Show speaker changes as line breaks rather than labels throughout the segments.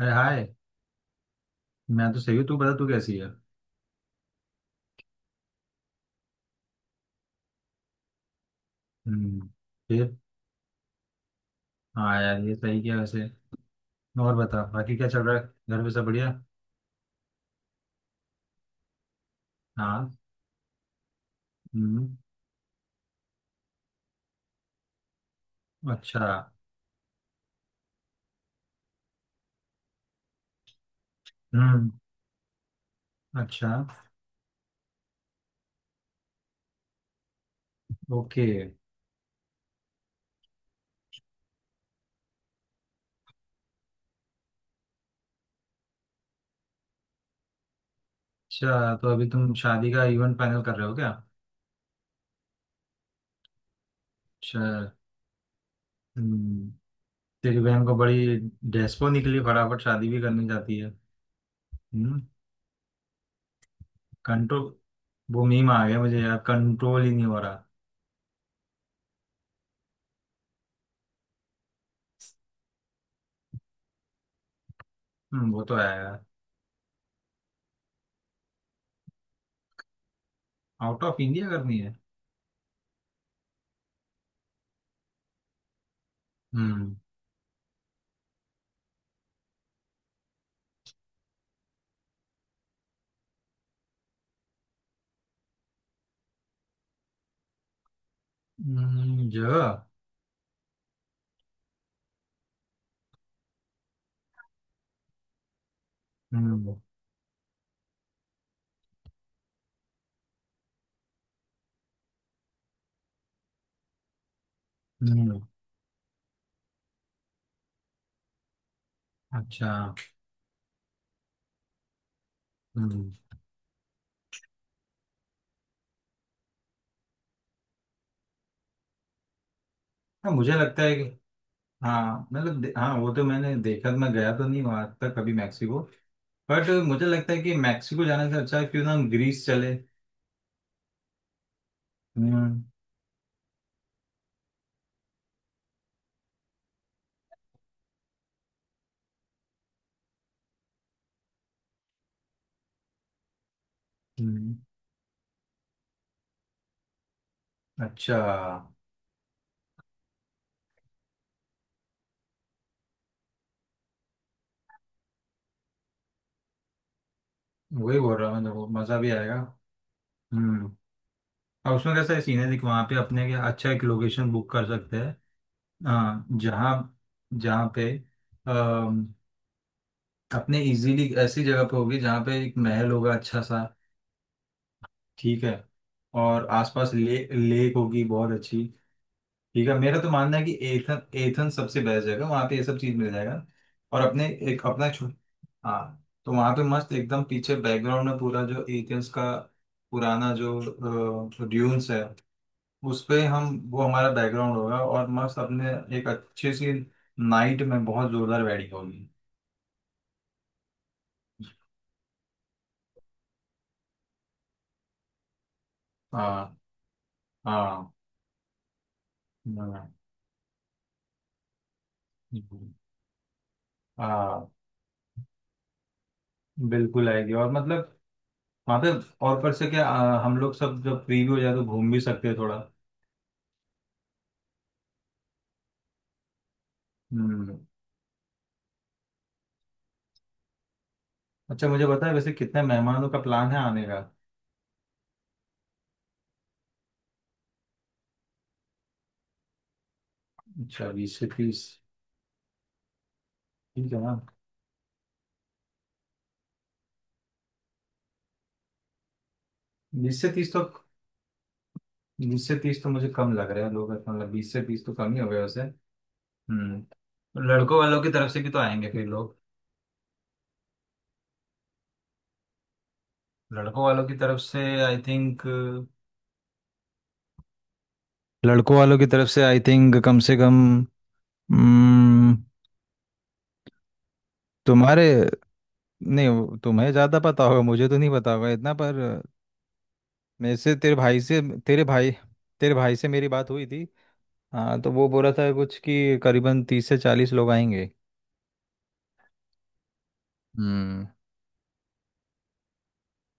अरे हाय। मैं तो सही हूँ, तू बता तू कैसी है? हम्म। फिर। हाँ यार, ये सही किया वैसे। और बता, बाकी क्या चल रहा है? घर पे सब बढ़िया। हाँ। हम्म। अच्छा। हम्म। अच्छा। ओके। अच्छा, तो अभी तुम शादी का इवेंट फाइनल कर रहे हो क्या? अच्छा। हम्म। तेरी बहन को बड़ी डेस्पो निकली, फटाफट शादी भी करनी चाहती है। हम्म। कंट्रोल। वो मीम आ गया मुझे यार, कंट्रोल ही नहीं हो रहा। हम्म, वो तो है यार। आउट ऑफ इंडिया करनी है। हम्म। जगह। हम्म। हम्म, अच्छा। हम्म। हाँ, मुझे लगता है कि हाँ। मतलब हाँ, वो तो मैंने देखा, मैं गया तो नहीं वहां तक कभी मैक्सिको। बट मुझे लगता है कि मैक्सिको जाने से अच्छा है, क्यों ना हम ग्रीस चले। हम्म। हम्म, अच्छा। वही बोल रहा हूँ, मतलब मजा भी आएगा। हम्म। और उसमें कैसा है सीन है, देख वहाँ पे अपने क्या अच्छा एक लोकेशन बुक कर सकते हैं। हाँ जहाँ, जहाँ पे अम, अपने इजीली ऐसी जगह पे होगी जहाँ पे एक महल होगा अच्छा सा। ठीक है। और आसपास ले लेक होगी बहुत अच्छी। ठीक है, मेरा तो मानना है कि एथन एथन सबसे बेस्ट जगह, वहाँ पे ये सब चीज़ मिल जाएगा। और अपने एक अपना छो हाँ, तो वहाँ पे मस्त एकदम पीछे बैकग्राउंड में पूरा जो एथेंस का पुराना जो ड्यून्स है उस पे हम वो हमारा बैकग्राउंड होगा, और मस्त अपने एक अच्छी सी नाइट में बहुत जोरदार वेडिंग होगी। हाँ हाँ हाँ। हाँ बिल्कुल आएगी, और मतलब वहां पे। और पर से क्या हम लोग सब जब फ्री भी हो जाए तो घूम भी सकते हैं थोड़ा। हम्म। अच्छा, मुझे पता है वैसे कितने मेहमानों का प्लान है आने का। अच्छा 20 से 30। ठीक है ना। बीस से तीस तो 20 से 30 तो मुझे कम लग रहा है लोग, मतलब 20 से 30 तो कम ही हो गए वैसे। हम्म। लड़कों वालों की तरफ से भी तो आएंगे फिर लोग। लड़कों वालों की तरफ से आई थिंक लड़कों वालों की तरफ से आई थिंक कम से कम। हम्म, तुम्हारे। नहीं, तुम्हें ज़्यादा पता होगा, मुझे तो नहीं पता होगा इतना। पर मेरे से तेरे भाई तेरे भाई से मेरी बात हुई थी। हाँ, तो वो बोला था कुछ कि करीबन 30 से 40 लोग आएंगे। हम्म।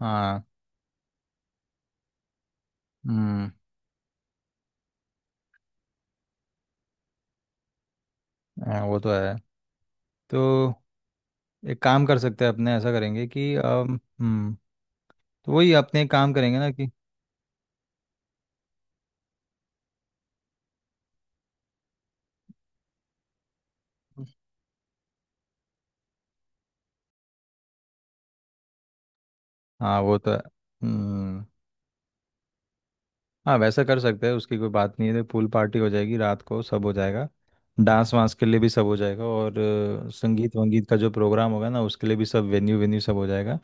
हाँ। हम्म। हाँ, वो तो है। तो एक काम कर सकते हैं, अपने ऐसा करेंगे कि हम्म, तो वही अपने एक काम करेंगे ना कि हाँ वो तो है। हम्म, हाँ वैसा कर सकते हैं, उसकी कोई बात नहीं है। तो पूल पार्टी हो जाएगी, रात को सब हो जाएगा, डांस वांस के लिए भी सब हो जाएगा। और संगीत वंगीत का जो प्रोग्राम होगा ना उसके लिए भी सब वेन्यू वेन्यू सब हो जाएगा।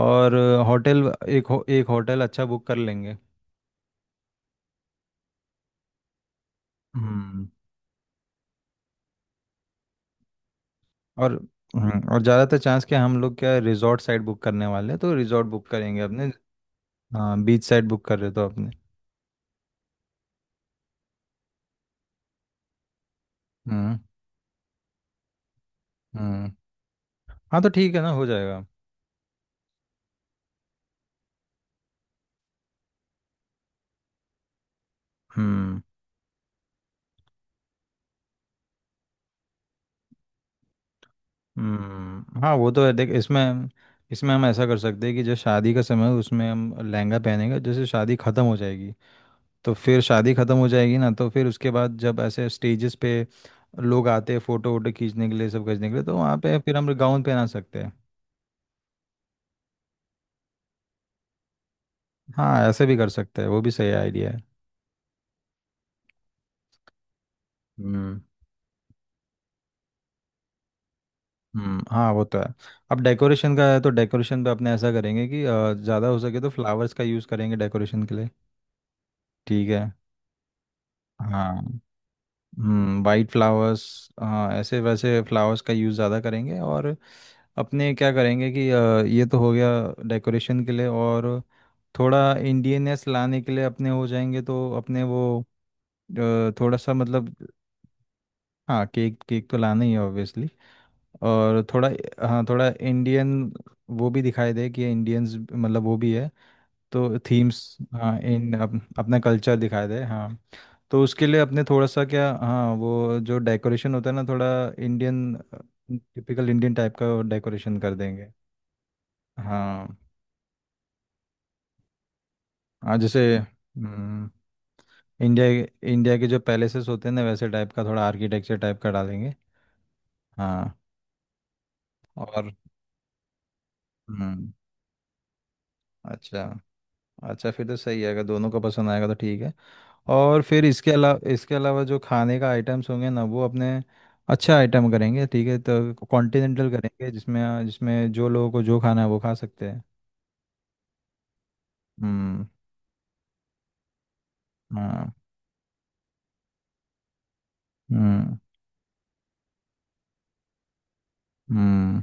और होटल एक होटल अच्छा बुक कर लेंगे। हम्म। और और ज़्यादातर चांस क्या हम लोग क्या रिजॉर्ट साइड बुक करने वाले हैं, तो रिजॉर्ट बुक करेंगे अपने। हाँ बीच साइड बुक कर रहे तो अपने। हम्म। हम्म। हाँ तो ठीक है ना, हो जाएगा। हम्म। हम्म। हाँ वो तो है, देख इसमें इसमें हम ऐसा कर सकते हैं कि जो शादी का समय है उसमें हम लहंगा पहनेंगे। जैसे शादी ख़त्म हो जाएगी, तो फिर शादी ख़त्म हो जाएगी ना, तो फिर उसके बाद जब ऐसे स्टेजेस पे लोग आते हैं फ़ोटो वोटो खींचने के लिए, सब खींचने के लिए, तो वहाँ पे फिर हम गाउन पहना सकते हैं। हाँ ऐसे भी कर सकते हैं, वो भी सही आइडिया है। हम्म। हम्म। हाँ वो तो है। अब डेकोरेशन का है तो डेकोरेशन पे अपने ऐसा करेंगे कि ज़्यादा हो सके तो फ्लावर्स का यूज़ करेंगे डेकोरेशन के लिए। ठीक है। हाँ। हम्म, वाइट फ्लावर्स। हाँ ऐसे वैसे फ्लावर्स का यूज़ ज़्यादा करेंगे। और अपने क्या करेंगे कि ये तो हो गया डेकोरेशन के लिए। और थोड़ा इंडियननेस लाने के लिए अपने हो जाएंगे, तो अपने वो थोड़ा सा मतलब हाँ। केक केक तो लाना ही है ऑब्वियसली। और थोड़ा हाँ, थोड़ा इंडियन वो भी दिखाई दे कि इंडियंस, मतलब वो भी है। तो थीम्स हाँ, अपना कल्चर दिखाई दे हाँ। तो उसके लिए अपने थोड़ा सा क्या, हाँ वो जो डेकोरेशन होता है ना, थोड़ा इंडियन टिपिकल इंडियन टाइप का डेकोरेशन कर देंगे। हाँ हाँ जैसे इंडिया इंडिया के जो पैलेसेस होते हैं ना वैसे टाइप का थोड़ा आर्किटेक्चर टाइप का डालेंगे। हाँ। और हम्म। अच्छा। अच्छा फिर तो सही है, अगर दोनों को पसंद आएगा तो ठीक है। और फिर इसके अलावा जो खाने का आइटम्स होंगे ना वो अपने अच्छा आइटम करेंगे, ठीक है, तो कॉन्टिनेंटल करेंगे, जिसमें जिसमें जो लोगों को जो खाना है वो खा सकते हैं। हम्म। हाँ। हम्म। हम्म।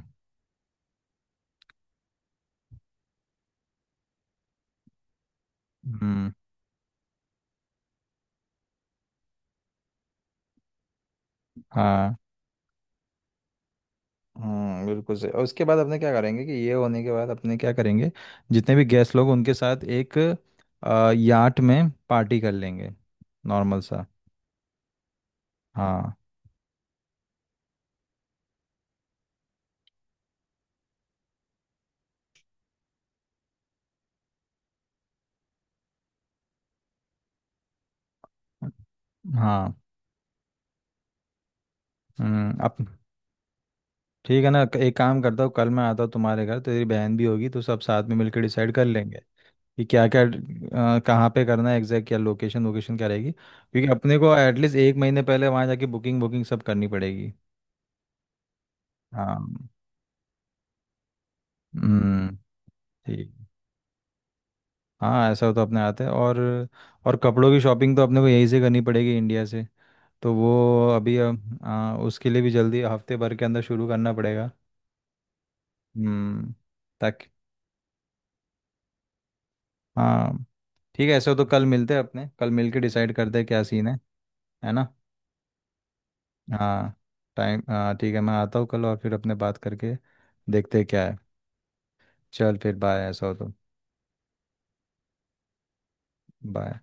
हम्म। हाँ। हम्म, बिल्कुल सही, और उसके बाद अपने क्या करेंगे कि ये होने के बाद अपने क्या करेंगे जितने भी गेस्ट लोग उनके साथ एक याट में पार्टी कर लेंगे नॉर्मल सा। हाँ हाँ। हम्म। अब ठीक है ना, एक काम करता हूँ, कल मैं आता हूँ तुम्हारे घर, तेरी बहन भी होगी तो सब साथ में मिलकर डिसाइड कर लेंगे कि क्या क्या कहाँ पे करना है एग्जैक्ट, क्या लोकेशन वोकेशन क्या रहेगी, क्योंकि अपने को एटलीस्ट एक महीने पहले वहाँ जाके बुकिंग बुकिंग सब करनी पड़ेगी। हाँ। हम्म। ठीक। हाँ ऐसा तो अपने आते हैं। और कपड़ों की शॉपिंग तो अपने को यहीं से करनी पड़ेगी, इंडिया से। तो वो अभी अब हाँ, उसके लिए भी जल्दी हफ्ते भर के अंदर शुरू करना पड़ेगा। हम्म। ताकि हाँ ठीक है, ऐसा हो तो कल मिलते हैं अपने, कल मिल के डिसाइड करते हैं क्या सीन है ना। हाँ। टाइम हाँ ठीक है, मैं आता हूँ कल और फिर अपने बात करके देखते हैं क्या है। चल फिर बाय, ऐसा हो तो। बाय।